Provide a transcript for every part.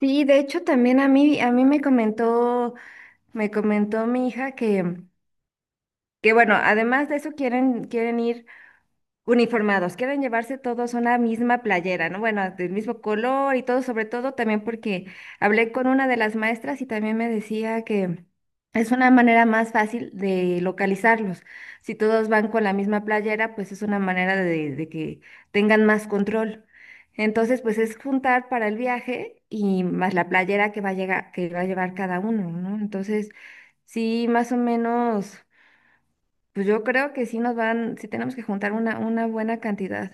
Sí, de hecho también a mí me comentó mi hija que bueno, además de eso quieren, quieren ir uniformados, quieren llevarse todos una misma playera, ¿no? Bueno, del mismo color y todo, sobre todo también porque hablé con una de las maestras y también me decía que es una manera más fácil de localizarlos. Si todos van con la misma playera, pues es una manera de que tengan más control. Entonces, pues es juntar para el viaje y más la playera que va a llegar, que va a llevar cada uno, ¿no? Entonces, sí, más o menos, pues yo creo que sí nos van, sí tenemos que juntar una buena cantidad.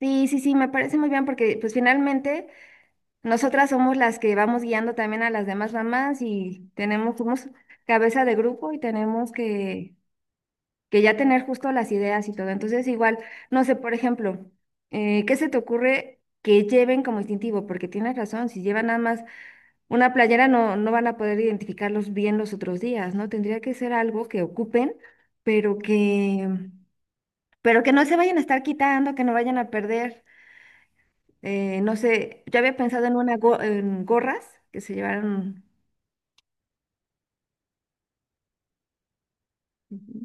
Sí, sí, sí, me parece muy bien porque pues finalmente nosotras somos las que vamos guiando también a las demás mamás y tenemos, somos cabeza de grupo y tenemos que ya tener justo las ideas y todo. Entonces igual, no sé, por ejemplo, ¿qué se te ocurre que lleven como instintivo? Porque tienes razón, si llevan nada más una playera no, no van a poder identificarlos bien los otros días, ¿no? Tendría que ser algo que ocupen, pero que, pero que no se vayan a estar quitando, que no vayan a perder. No sé, yo había pensado en una en gorras que se llevaron. Ujú.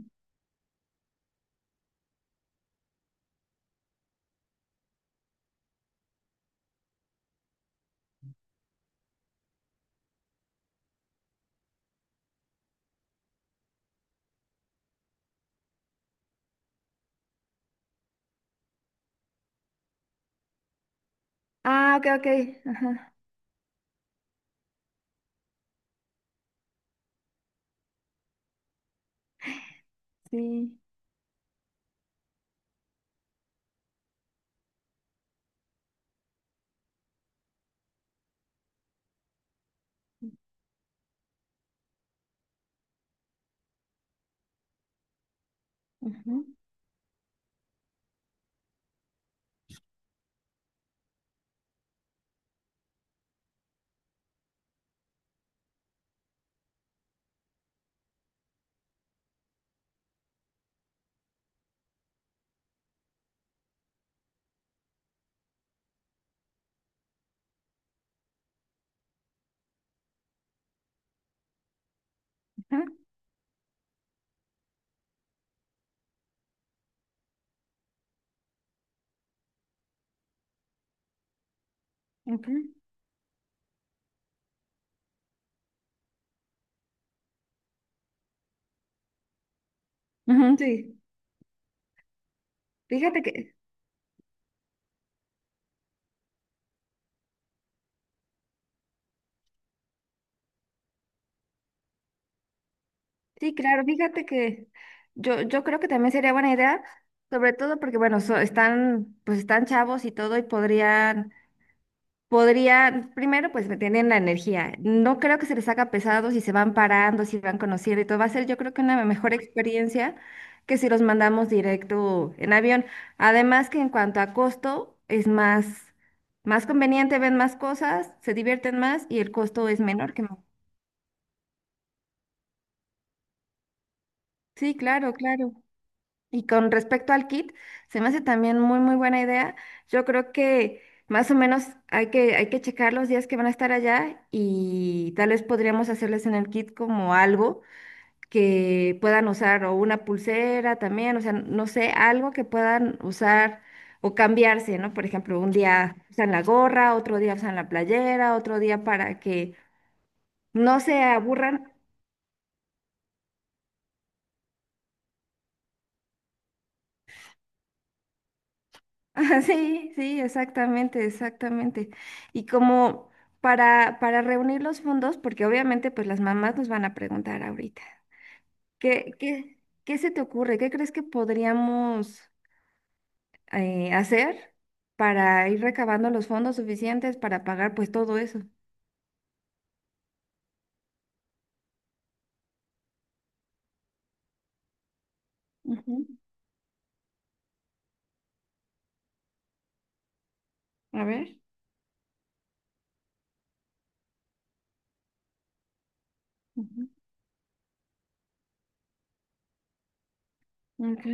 Ah, ok, ok. Ajá, sí. Ujú, ajá, ujú, ujú, sí. Fíjate que, sí, claro, fíjate que yo creo que también sería buena idea, sobre todo porque, bueno, están, pues están chavos y todo, y podrían podría, primero, pues me tienen la energía. No creo que se les haga pesado si se van parando, si van conociendo y todo. Va a ser, yo creo que una mejor experiencia que si los mandamos directo en avión. Además que en cuanto a costo, es más, más conveniente, ven más cosas, se divierten más y el costo es menor que... Sí, claro, claro. Y con respecto al kit, se me hace también muy, muy buena idea. Yo creo que más o menos hay hay que checar los días que van a estar allá y tal vez podríamos hacerles en el kit como algo que puedan usar o una pulsera también, o sea, no sé, algo que puedan usar o cambiarse, ¿no? Por ejemplo, un día usan la gorra, otro día usan la playera, otro día para que no se aburran. Ajá, sí, sí, exactamente, exactamente. Y como para reunir los fondos, porque obviamente pues las mamás nos van a preguntar ahorita, ¿ qué se te ocurre? ¿Qué crees que podríamos hacer para ir recabando los fondos suficientes para pagar pues todo eso? Ujú. A ver. Ujú, ok.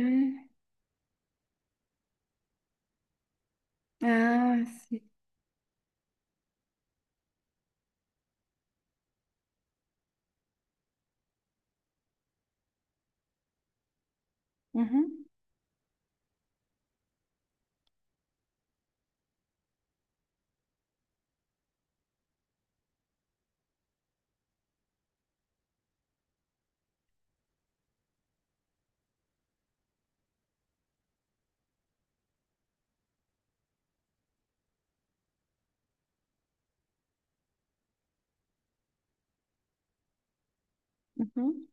Ah, sí. Ujú, ujú.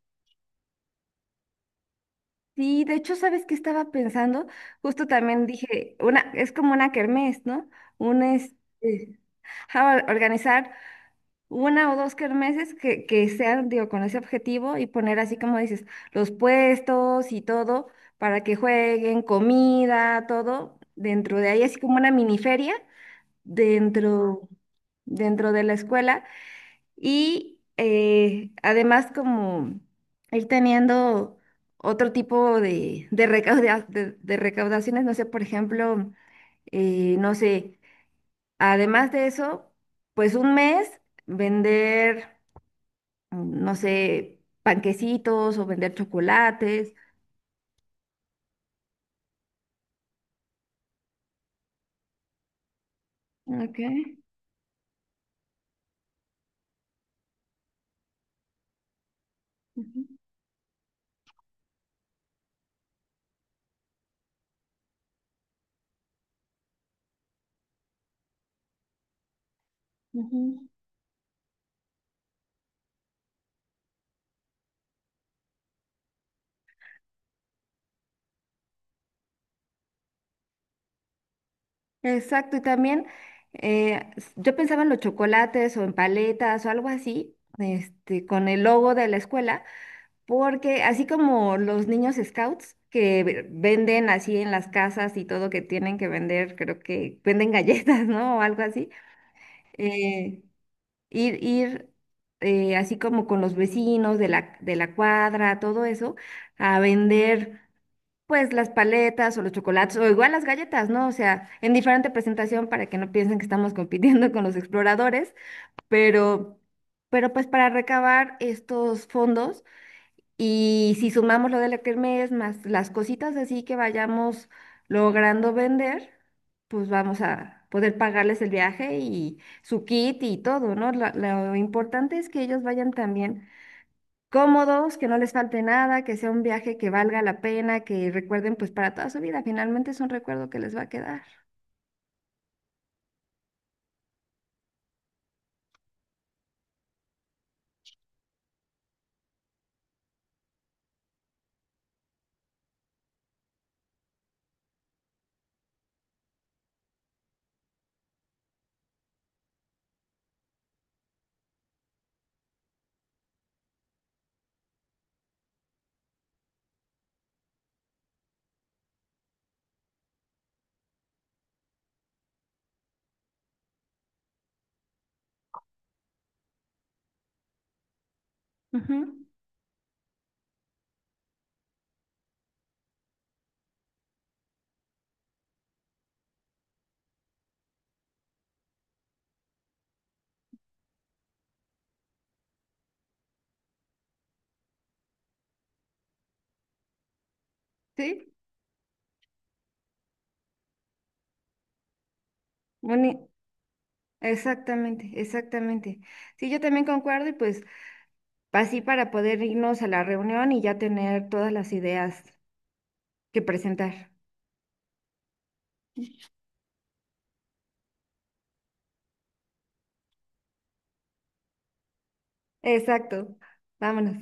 Sí, de hecho, ¿sabes qué estaba pensando? Justo también dije, una, es como una kermés, ¿no? Un este, ajá, organizar una o dos kermeses que sean, digo, con ese objetivo y poner así como dices, los puestos y todo para que jueguen, comida, todo, dentro de ahí, así como una mini feria dentro, dentro de la escuela y además como ir teniendo otro tipo de recauda- de recaudaciones, no sé, por ejemplo, no sé, además de eso, pues un mes vender, no sé, panquecitos o vender chocolates. Ok. Ujú, ujú. Exacto, y también yo pensaba en los chocolates o en paletas o algo así, este, con el logo de la escuela. Porque así como los niños scouts que venden así en las casas y todo que tienen que vender, creo que venden galletas, ¿no? O algo así. eh, ir así como con los vecinos de de la cuadra, todo eso, a vender pues las paletas o los chocolates o igual las galletas, ¿no? O sea, en diferente presentación para que no piensen que estamos compitiendo con los exploradores, pero, pero pues para recabar estos fondos y si sumamos lo de la kermés más las cositas así que vayamos logrando vender, pues vamos a poder pagarles el viaje y su kit y todo, ¿no? Lo importante es que ellos vayan también cómodos, que no les falte nada, que sea un viaje que valga la pena, que recuerden pues para toda su vida. Finalmente es un recuerdo que les va a quedar. Ujú, sí, Boni- exactamente, exactamente. Sí, yo también concuerdo y pues así para poder irnos a la reunión y ya tener todas las ideas que presentar. Exacto. Vámonos.